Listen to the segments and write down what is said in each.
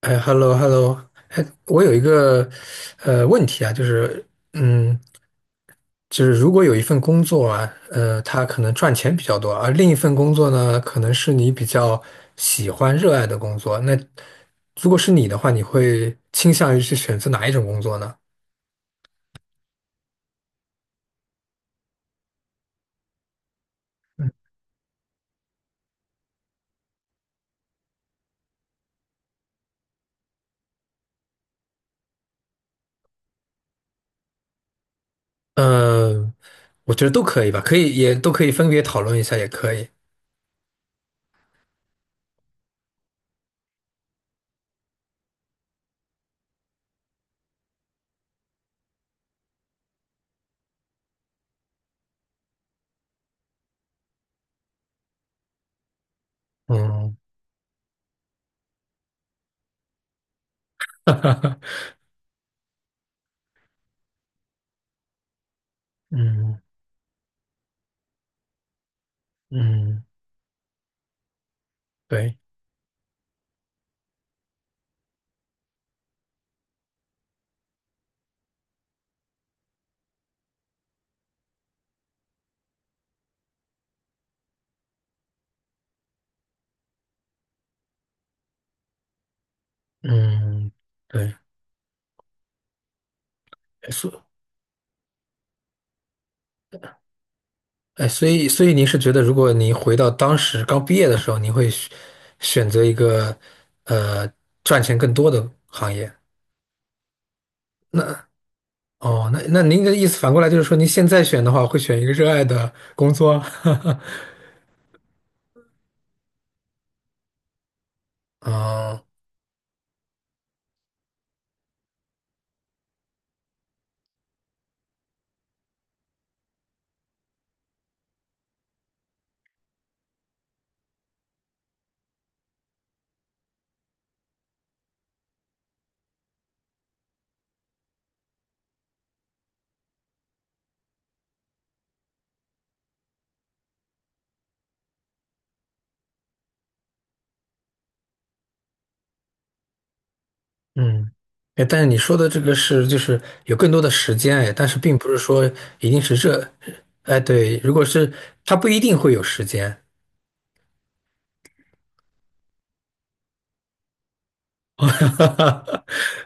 哎，hello，hello，哎，我有一个问题啊，嗯，就是如果有一份工作啊，它可能赚钱比较多，而另一份工作呢，可能是你比较喜欢、热爱的工作，那如果是你的话，你会倾向于去选择哪一种工作呢？嗯，我觉得都可以吧，可以也都可以分别讨论一下，也可以。嗯，嗯嗯，对，嗯对，所所以您是觉得，如果您回到当时刚毕业的时候，您会选择一个呃赚钱更多的行业？哦，那您的意思反过来就是说，您现在选的话，会选一个热爱的工作？哦，嗯，哎，但是你说的这个是就是有更多的时间，哎，但是并不是说一定是这，哎，对，如果是他不一定会有时间，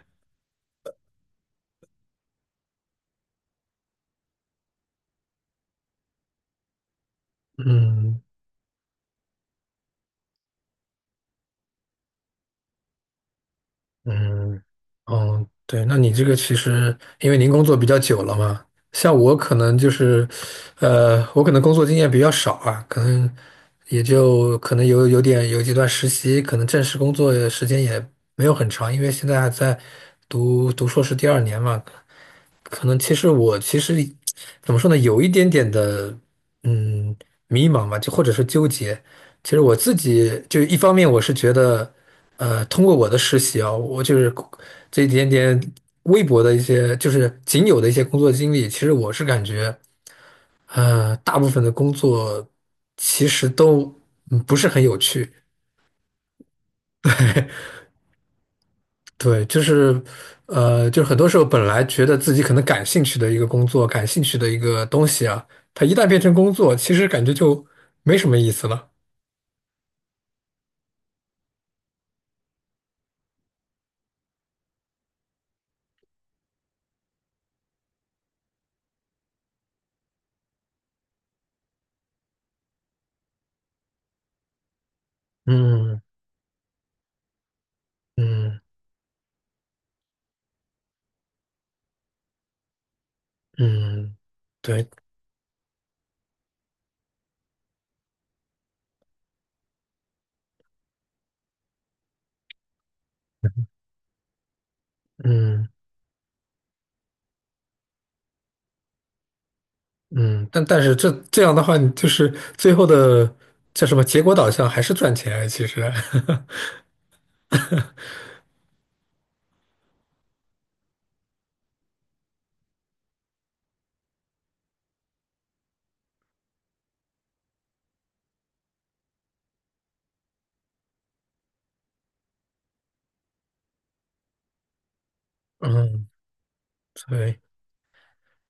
嗯。嗯，哦，对，那你这个其实，因为您工作比较久了嘛，像我可能就是，我可能工作经验比较少啊，可能也就可能有几段实习，可能正式工作时间也没有很长，因为现在还在读硕士第二年嘛，可能其实我其实怎么说呢，有一点点的嗯迷茫吧，就或者是纠结。其实我自己就一方面我是觉得，通过我的实习啊，我就是这一点点微薄的一些，就是仅有的一些工作经历，其实我是感觉，大部分的工作其实都不是很有趣。对，就是，就是很多时候本来觉得自己可能感兴趣的一个工作，感兴趣的一个东西啊，它一旦变成工作，其实感觉就没什么意思了。嗯嗯嗯，对，嗯嗯，但是这样的话，你就是最后的叫什么结果导向还是赚钱啊，其实，嗯，对，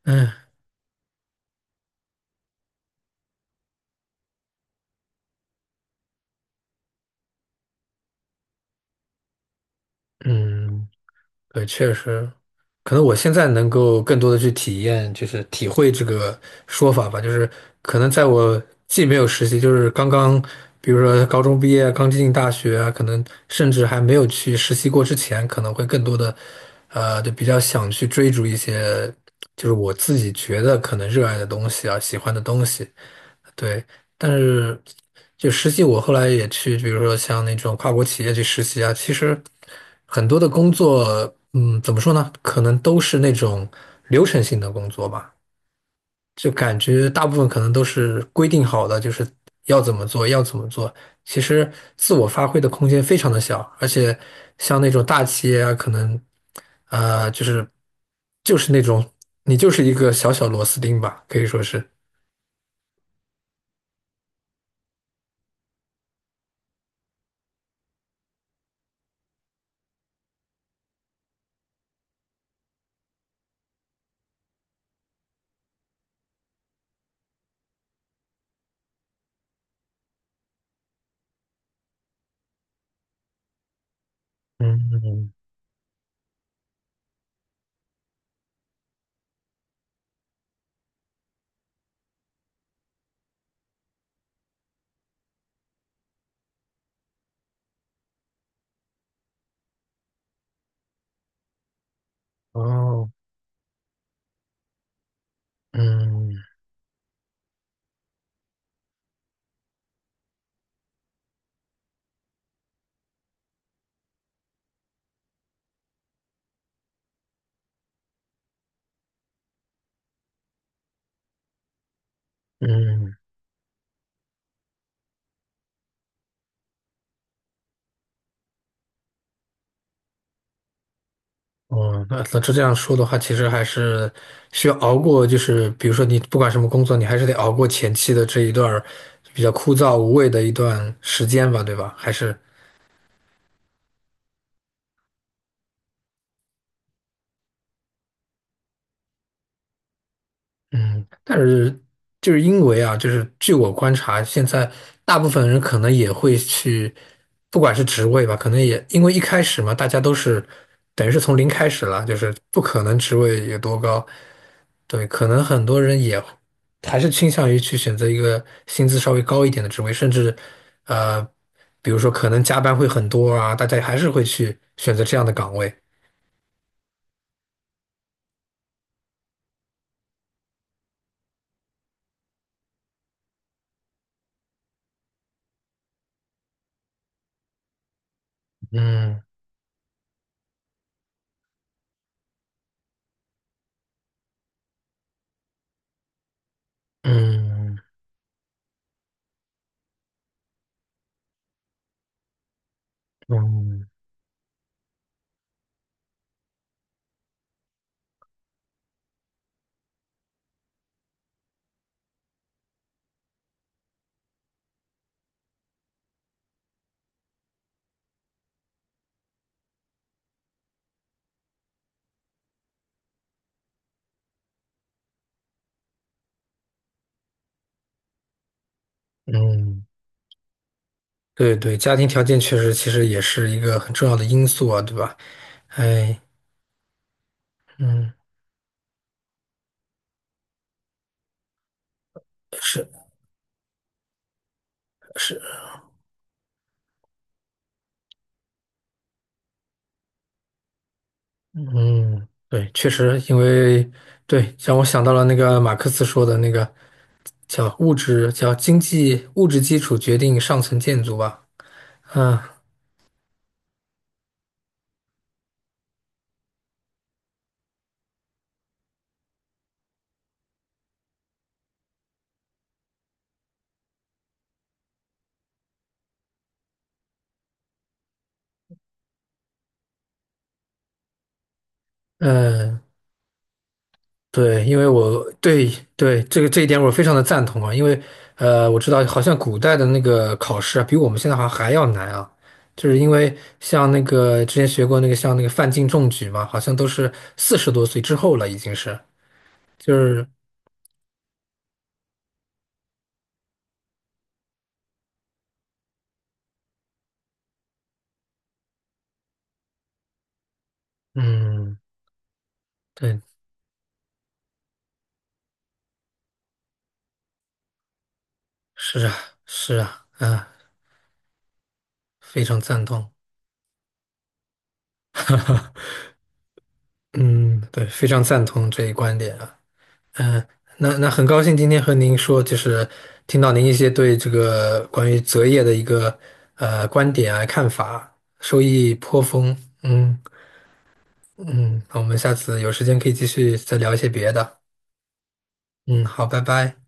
嗯嗯。对，确实，可能我现在能够更多的去体验，就是体会这个说法吧。就是可能在我既没有实习，就是刚刚，比如说高中毕业，刚进大学啊，可能甚至还没有去实习过之前，可能会更多的，就比较想去追逐一些，就是我自己觉得可能热爱的东西啊，喜欢的东西。对，但是就实际，我后来也去，比如说像那种跨国企业去实习啊，其实很多的工作，嗯，怎么说呢？可能都是那种流程性的工作吧，就感觉大部分可能都是规定好的，就是要怎么做，要怎么做。其实自我发挥的空间非常的小，而且像那种大企业啊，可能呃，就是就是那种你就是一个小小螺丝钉吧，可以说是。嗯，哦，嗯嗯，哦，那这样说的话，其实还是需要熬过，就是比如说你不管什么工作，你还是得熬过前期的这一段儿比较枯燥无味的一段时间吧，对吧？还是，嗯，但是就是因为啊，就是据我观察，现在大部分人可能也会去，不管是职位吧，可能也因为一开始嘛，大家都是等于是从零开始了，就是不可能职位有多高，对，可能很多人也还是倾向于去选择一个薪资稍微高一点的职位，甚至呃，比如说可能加班会很多啊，大家还是会去选择这样的岗位。嗯嗯嗯嗯。对对，家庭条件确实其实也是一个很重要的因素啊，对吧？哎，嗯，是是，嗯，对，确实，因为对，让我想到了那个马克思说的那个叫物质，叫经济物质基础决定上层建筑吧。啊，嗯，对，因为我对这个这一点我非常的赞同啊，因为我知道好像古代的那个考试啊，比我们现在好像还要难啊，就是因为像那个之前学过那个像那个范进中举嘛，好像都是40多岁之后了，已经是，就是嗯，对，是啊，是啊，啊，非常赞同，嗯，对，非常赞同这一观点啊。嗯，那很高兴今天和您说，就是听到您一些对这个关于择业的一个观点啊看法，受益颇丰。嗯嗯，那我们下次有时间可以继续再聊一些别的。嗯，好，拜拜。